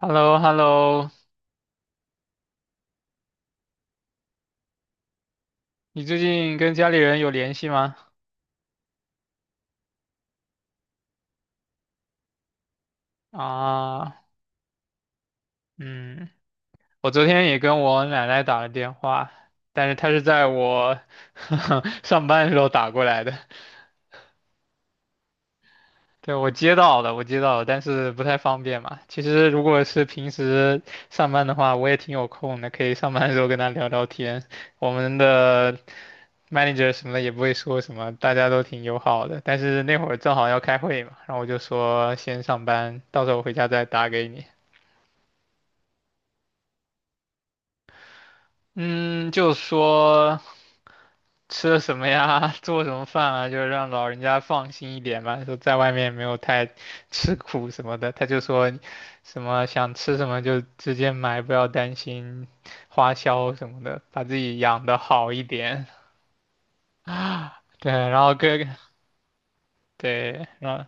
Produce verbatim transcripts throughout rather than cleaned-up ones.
H e l l o h e l l o。 你最近跟家里人有联系吗？啊，嗯，我昨天也跟我奶奶打了电话，但是她是在我 上班的时候打过来的。对，我接到了，我接到了，但是不太方便嘛。其实如果是平时上班的话，我也挺有空的，可以上班的时候跟他聊聊天。我们的 manager 什么的也不会说什么，大家都挺友好的。但是那会儿正好要开会嘛，然后我就说先上班，到时候回家再打给你。嗯，就说吃了什么呀，做什么饭啊，就是让老人家放心一点嘛。说在外面没有太吃苦什么的，他就说什么想吃什么就直接买，不要担心花销什么的，把自己养得好一点。对，然后跟对，然后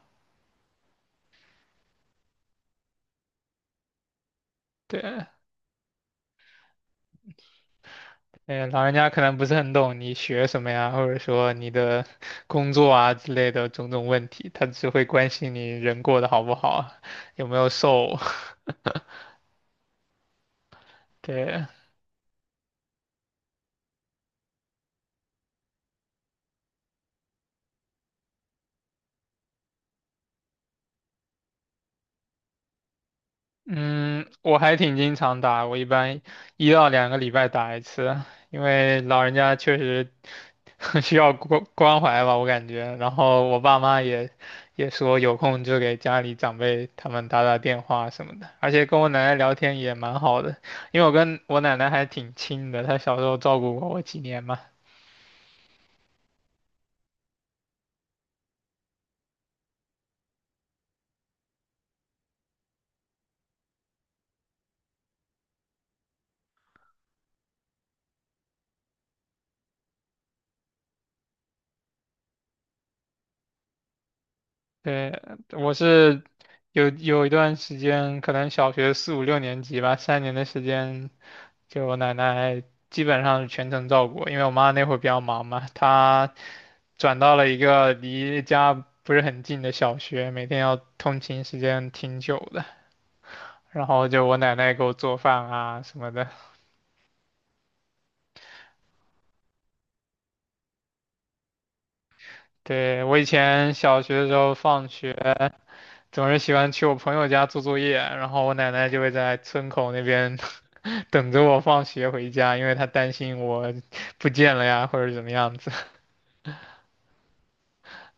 对。对，老人家可能不是很懂你学什么呀，或者说你的工作啊之类的种种问题，他只会关心你人过得好不好，有没有瘦。对，嗯，我还挺经常打，我一般一到两个礼拜打一次，因为老人家确实 需要关关怀吧，我感觉。然后我爸妈也也说有空就给家里长辈他们打打电话什么的，而且跟我奶奶聊天也蛮好的，因为我跟我奶奶还挺亲的，她小时候照顾过我几年嘛。对，我是有有一段时间，可能小学四五六年级吧，三年的时间。就我奶奶基本上是全程照顾我，因为我妈那会儿比较忙嘛，她转到了一个离家不是很近的小学，每天要通勤时间挺久的。然后就我奶奶给我做饭啊什么的。对，我以前小学的时候放学总是喜欢去我朋友家做作业，然后我奶奶就会在村口那边 等着我放学回家，因为她担心我不见了呀或者怎么样子。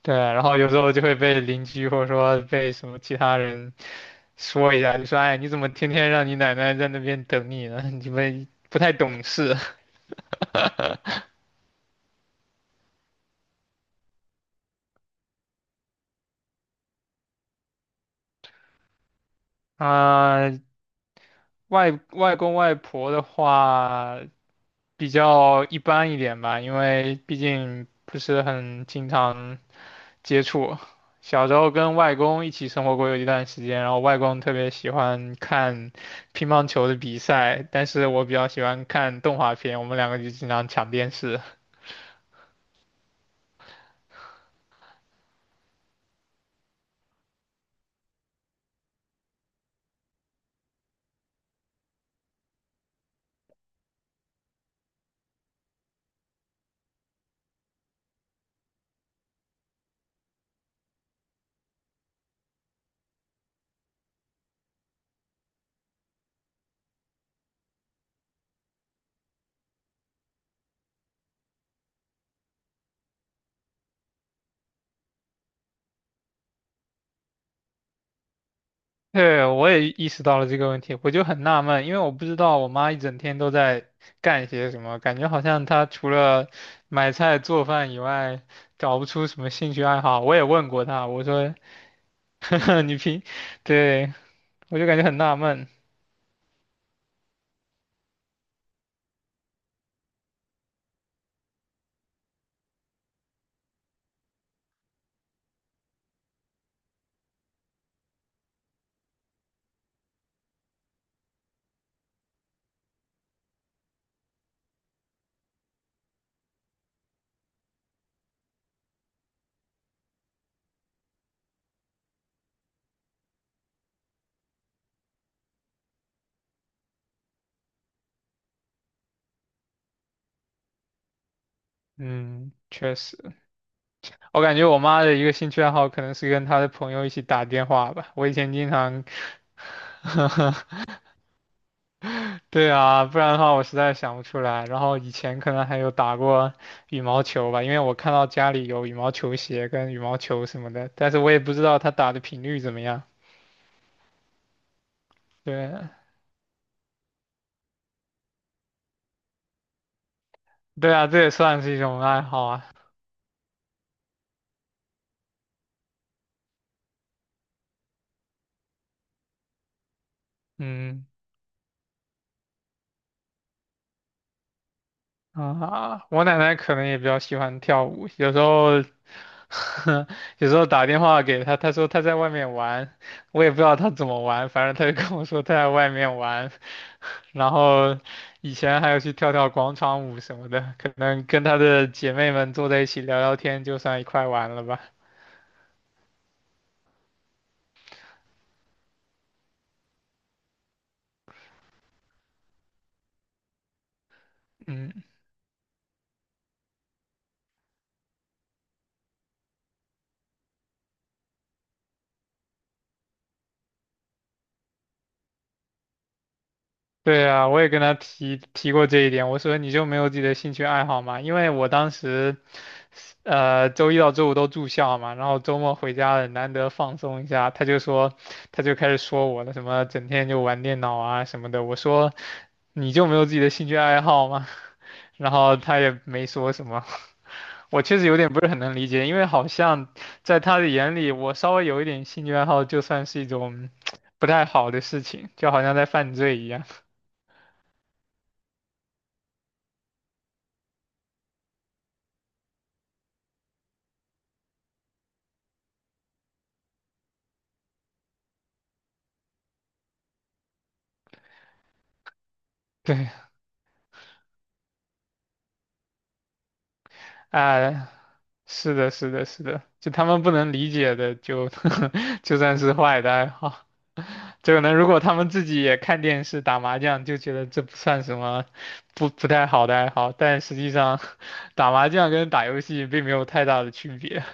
对，然后有时候就会被邻居或者说被什么其他人说一下，就说："哎，你怎么天天让你奶奶在那边等你呢？你们不太懂事。"啊，外外公外婆的话比较一般一点吧，因为毕竟不是很经常接触。小时候跟外公一起生活过有一段时间，然后外公特别喜欢看乒乓球的比赛，但是我比较喜欢看动画片，我们两个就经常抢电视。对，我也意识到了这个问题，我就很纳闷，因为我不知道我妈一整天都在干些什么，感觉好像她除了买菜做饭以外，找不出什么兴趣爱好。我也问过她，我说，呵呵，你平，对，我就感觉很纳闷。嗯，确实，我感觉我妈的一个兴趣爱好可能是跟她的朋友一起打电话吧。我以前经常 对啊，不然的话我实在想不出来。然后以前可能还有打过羽毛球吧，因为我看到家里有羽毛球鞋跟羽毛球什么的，但是我也不知道他打的频率怎么样。对，对啊，这也算是一种爱好啊。嗯。啊，我奶奶可能也比较喜欢跳舞，有时候，有时候打电话给她，她说她在外面玩，我也不知道她怎么玩，反正她就跟我说她在外面玩，然后以前还有去跳跳广场舞什么的，可能跟她的姐妹们坐在一起聊聊天，就算一块玩了吧。嗯。对啊，我也跟他提提过这一点。我说你就没有自己的兴趣爱好嘛？因为我当时，呃，周一到周五都住校嘛，然后周末回家了，难得放松一下，他就说，他就开始说我了，什么整天就玩电脑啊什么的。我说你就没有自己的兴趣爱好吗？然后他也没说什么。我确实有点不是很能理解，因为好像在他的眼里，我稍微有一点兴趣爱好就算是一种 不太好的事情，就好像在犯罪一样。对。哎，是的，是的，是的，就他们不能理解的就，就算是坏的爱好。就可能如果他们自己也看电视、打麻将，就觉得这不算什么不不太好的爱好。但实际上，打麻将跟打游戏并没有太大的区别。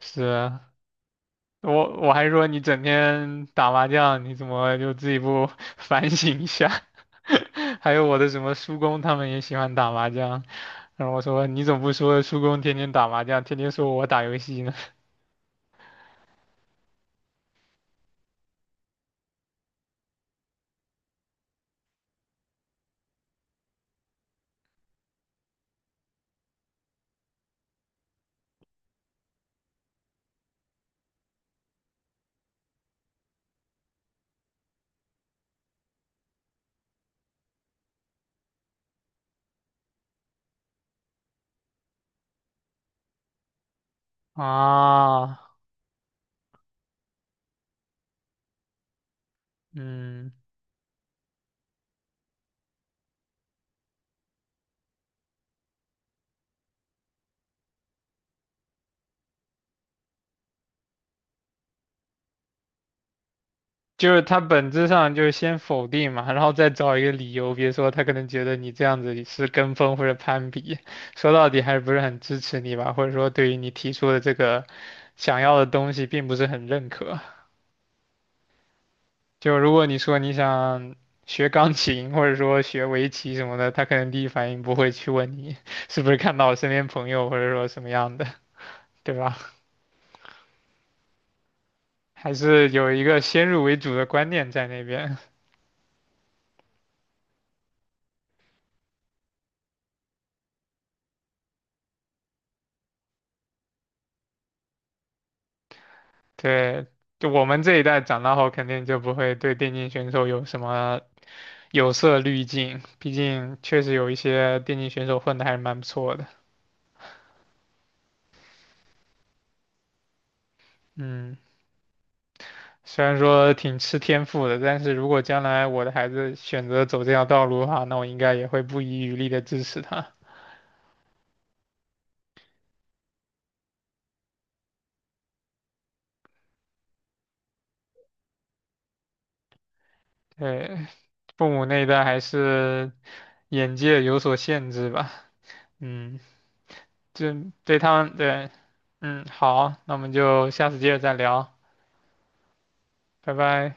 是啊，我我还说你整天打麻将，你怎么就自己不 反省一下？还有我的什么叔公，他们也喜欢打麻将。然后我说你怎么不说叔公天天打麻将，天天说我打游戏呢？啊，嗯，就是他本质上就是先否定嘛，然后再找一个理由，比如说他可能觉得你这样子是跟风或者攀比，说到底还是不是很支持你吧，或者说对于你提出的这个想要的东西并不是很认可。就如果你说你想学钢琴或者说学围棋什么的，他可能第一反应不会去问你是不是看到我身边朋友或者说什么样的，对吧？还是有一个先入为主的观念在那边。对，就我们这一代长大后，肯定就不会对电竞选手有什么有色滤镜，毕竟确实有一些电竞选手混的还是蛮不错的。嗯，虽然说挺吃天赋的，但是如果将来我的孩子选择走这条道路的话，那我应该也会不遗余力的支持他。对，父母那一代还是眼界有所限制吧。嗯。就对他们对，嗯，好，那我们就下次接着再聊，拜拜。